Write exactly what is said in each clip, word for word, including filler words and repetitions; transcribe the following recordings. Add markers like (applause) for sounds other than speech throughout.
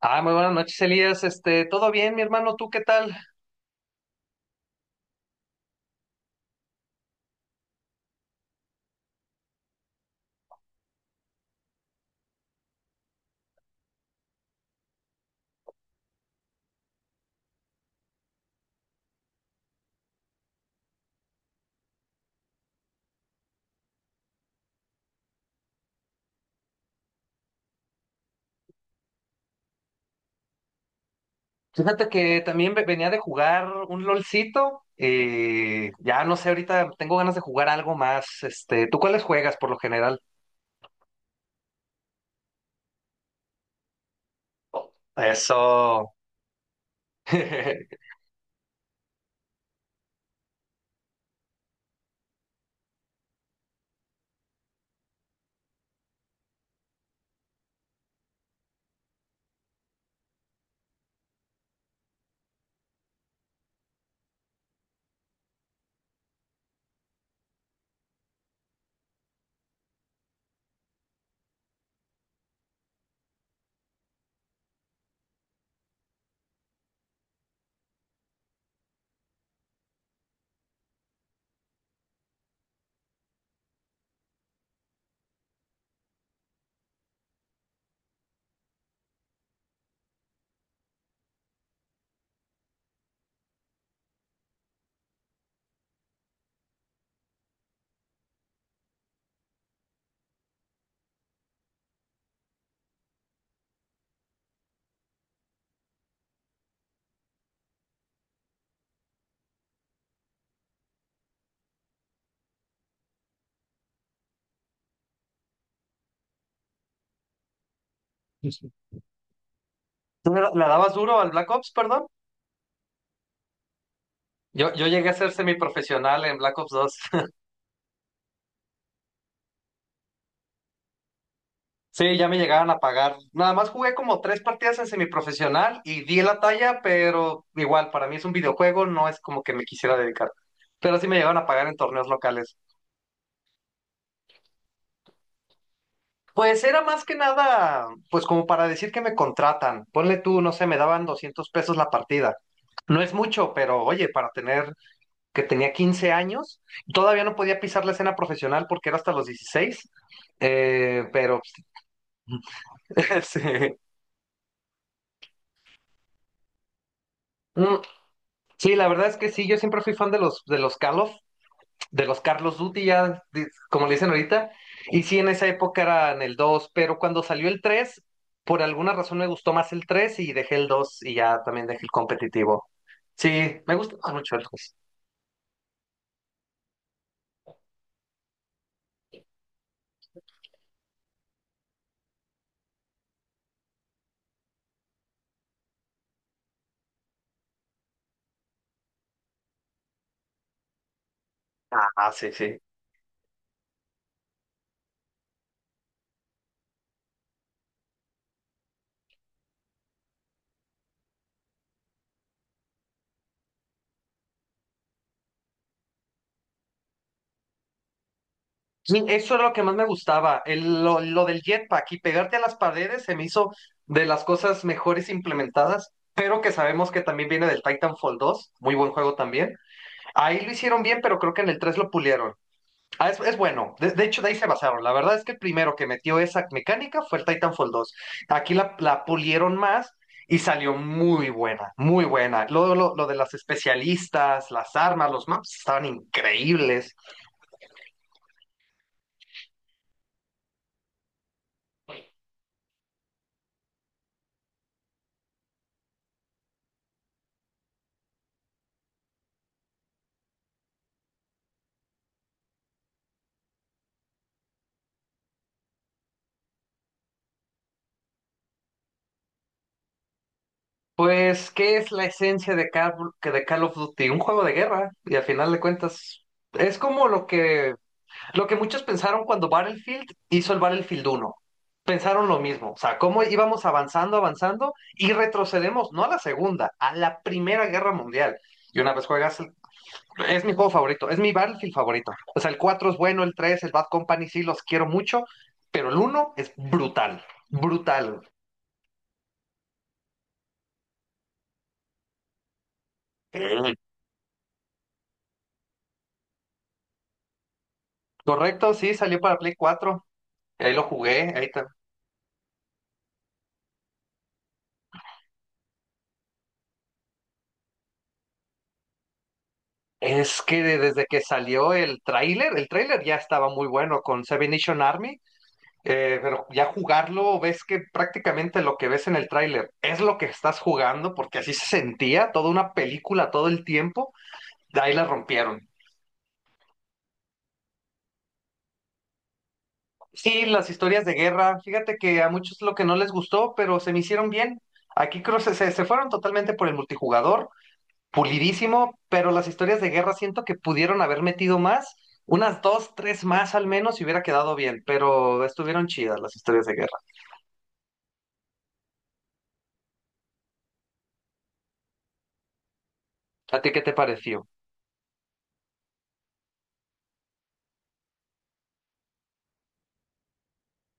Ah, muy buenas noches, Elías. Este, ¿todo bien, mi hermano? ¿Tú qué tal? Fíjate que también ve- venía de jugar un LOLcito. Eh, ya no sé, ahorita tengo ganas de jugar algo más. Este, ¿tú cuáles juegas por lo general? Eso. (laughs) ¿Tú le le dabas duro al Black Ops, perdón? Yo, yo llegué a ser semiprofesional en Black Ops dos. (laughs) Sí, ya me llegaban a pagar. Nada más jugué como tres partidas en semiprofesional y di la talla, pero igual, para mí es un videojuego, no es como que me quisiera dedicar. Pero sí me llegaban a pagar en torneos locales. Pues era más que nada, pues como para decir que me contratan. Ponle tú, no sé, me daban doscientos pesos la partida. No es mucho, pero oye, para tener que tenía quince años, todavía no podía pisar la escena profesional porque era hasta los dieciséis. Eh, pero (laughs) sí. Mm, sí, la verdad es que sí, yo siempre fui fan de los, de los Call of- de los Carlos Duty, ya, di- como le dicen ahorita, y sí, en esa época eran el dos, pero cuando salió el tres, por alguna razón me gustó más el tres y dejé el dos, y ya también dejé el competitivo. Sí, me gusta mucho el dos. Ah, sí, sí. Sí, eso era lo que más me gustaba, el- lo, lo del jetpack, y pegarte a las paredes se me hizo de las cosas mejores implementadas, pero que sabemos que también viene del Titanfall dos, muy buen juego también. Ahí lo hicieron bien, pero creo que en el tres lo pulieron. Ah, es, es bueno, de, de hecho de ahí se basaron. La verdad es que el primero que metió esa mecánica fue el Titanfall dos. Aquí la, la pulieron más y salió muy buena, muy buena. Lo, lo, lo de las especialistas, las armas, los maps estaban increíbles. Pues, ¿qué es la esencia de Call, que de Call of Duty? Un juego de guerra, y al final de cuentas, es como lo que, lo que muchos pensaron cuando Battlefield hizo el Battlefield uno. Pensaron lo mismo, o sea, cómo íbamos avanzando, avanzando, y retrocedemos, no a la Segunda, a la Primera Guerra Mundial. Y una vez juegas, el- es mi juego favorito, es mi Battlefield favorito. O sea, el cuatro es bueno, el tres, el Bad Company sí los quiero mucho, pero el uno es brutal, brutal. Correcto, sí, salió para Play cuatro. Ahí lo jugué, ahí tam- es que de- desde que salió el tráiler, el tráiler ya estaba muy bueno con Seven Nation Army, eh, pero ya jugarlo, ves que prácticamente lo que ves en el tráiler es lo que estás jugando, porque así se sentía, toda una película todo el tiempo, de ahí la rompieron. Sí, las historias de guerra, fíjate que a muchos lo que no les gustó, pero se me hicieron bien. Aquí creo que se, se se fueron totalmente por el multijugador, pulidísimo, pero las historias de guerra siento que pudieron haber metido más, unas dos, tres más al menos, y hubiera quedado bien, pero estuvieron chidas las historias de guerra. ¿A ti qué te pareció?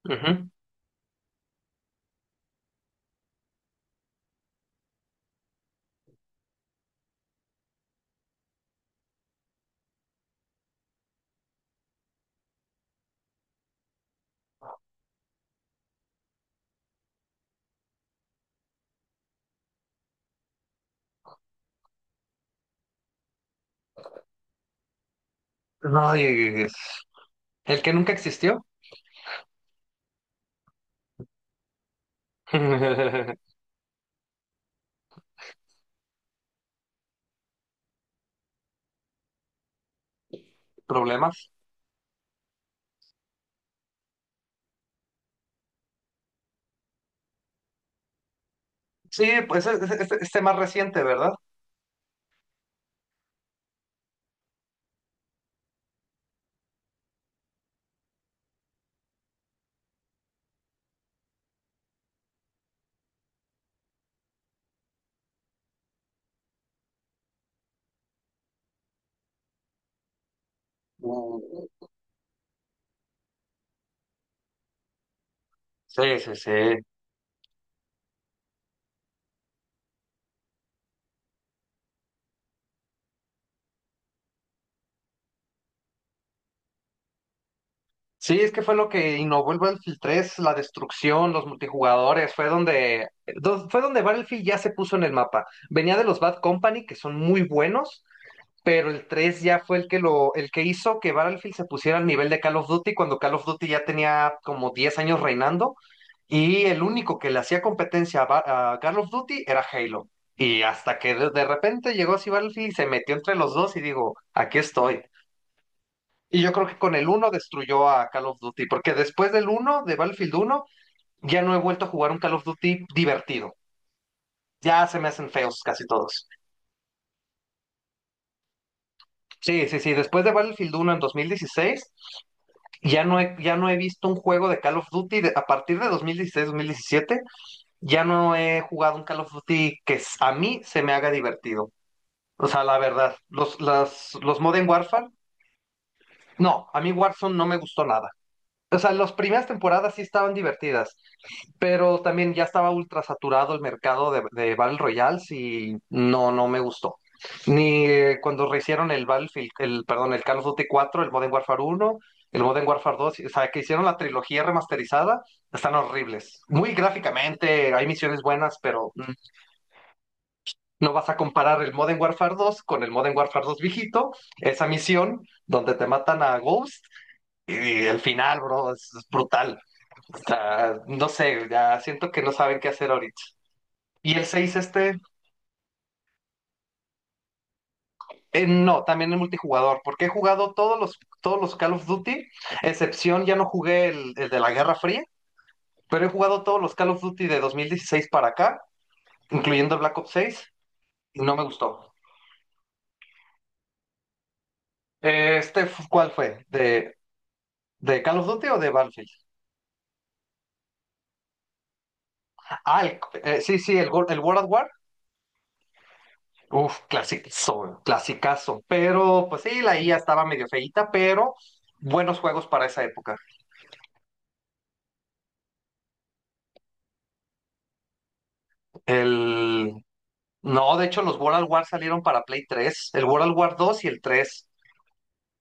Ujú. Ay, el que nunca existió. (laughs) Problemas. Sí, pues es, es- es- es tema reciente, ¿verdad? Mm, Sí, sí, sí. Sí, es que fue lo que innovó el Battlefield tres, la destrucción, los multijugadores, fue donde, do- fue donde Battlefield ya se puso en el mapa. Venía de los Bad Company, que son muy buenos, pero el tres ya fue el que lo, el que hizo que Battlefield se pusiera al nivel de Call of Duty, cuando Call of Duty ya tenía como diez años reinando, y el único que le hacía competencia a, Ba- a Call of Duty era Halo. Y hasta que de, de repente llegó así Battlefield y se metió entre los dos y digo, aquí estoy. Y yo creo que con el uno destruyó a Call of Duty, porque después del uno de Battlefield uno ya no he vuelto a jugar un Call of Duty divertido. Ya se me hacen feos casi todos. Sí, sí, sí. Después de Battlefield uno en dos mil dieciséis, ya no he, ya no he visto un juego de Call of Duty de- a partir de dos mil dieciséis-dos mil diecisiete, ya no he jugado un Call of Duty que s- a mí se me haga divertido. O sea, la verdad, los, las, los Modern Warfare, no, a mí Warzone no me gustó nada. O sea, las primeras temporadas sí estaban divertidas, pero también ya estaba ultra saturado el mercado de, de Battle Royales y no, no me gustó. Ni eh, cuando rehicieron el Battlefield, el, perdón, el Call of Duty cuatro, el Modern Warfare uno, el Modern Warfare dos, o sea, que hicieron la trilogía remasterizada, están horribles. Muy gráficamente, hay misiones buenas, pero mm, no vas a comparar el Modern Warfare dos con el Modern Warfare dos viejito, esa misión donde te matan a Ghost y, el final, bro, es, es brutal. O sea, no sé, ya siento que no saben qué hacer ahorita. Y el seis este, eh, no, también en multijugador, porque he jugado todos los, todos los Call of Duty, excepción ya no jugué el, el de la Guerra Fría, pero he jugado todos los Call of Duty de dos mil dieciséis para acá, incluyendo Black Ops seis, y no me gustó. Eh, este, f- ¿cuál fue? ¿De, ¿de Call of Duty o de Battlefield? Ah, el- eh, sí, sí, el, Go- el World at War. Uf, clasicazo, clasicazo. Pero, pues sí, la I A estaba medio feíta, pero buenos juegos para esa época. El, No, de hecho los World at War salieron para Play tres, el World at War dos y el tres.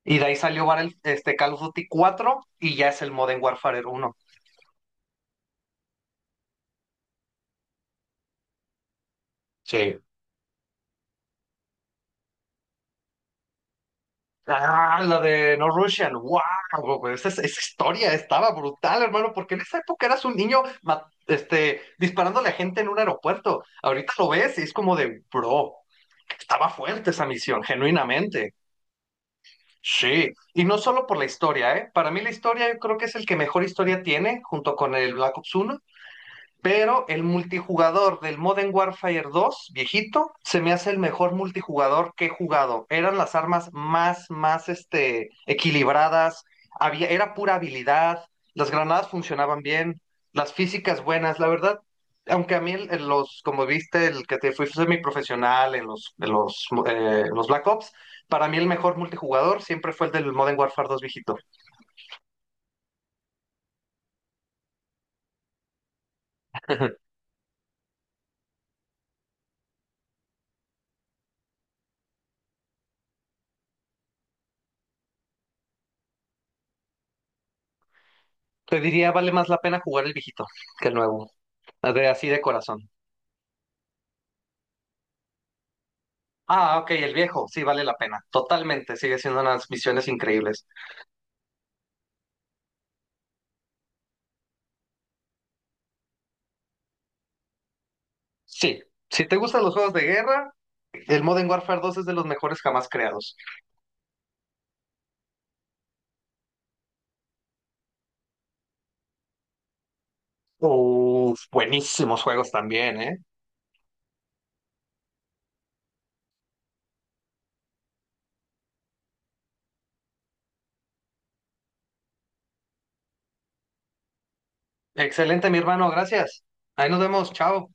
Y de ahí salió Battle- este Call of Duty cuatro y ya es el Modern Warfare uno. Sí. Ah, la de No Russian, wow, güey, esa, esa historia estaba brutal, hermano, porque en esa época eras un niño ma- este, disparándole a gente en un aeropuerto. Ahorita lo ves y es como de, bro, estaba fuerte esa misión, genuinamente. Sí, y no solo por la historia, ¿eh? Para mí la historia yo creo que es el que mejor historia tiene, junto con el Black Ops uno. Pero el multijugador del Modern Warfare dos viejito, se me hace el mejor multijugador que he jugado. Eran las armas más, más, este, equilibradas. Había, era pura habilidad. Las granadas funcionaban bien. Las físicas buenas. La verdad, aunque a mí el- el- los, como viste, el que te fui semiprofesional en los, en los, eh, los Black Ops, para mí el mejor multijugador siempre fue el del Modern Warfare dos viejito. Te diría, vale más la pena jugar el viejito que el nuevo, de, así de corazón. Ah, ok, el viejo, sí, vale la pena. Totalmente, sigue siendo unas misiones increíbles. Sí, si te gustan los juegos de guerra, el Modern Warfare dos es de los mejores jamás creados. Uf, buenísimos juegos también, ¿eh? Excelente, mi hermano, gracias. Ahí nos vemos, chao.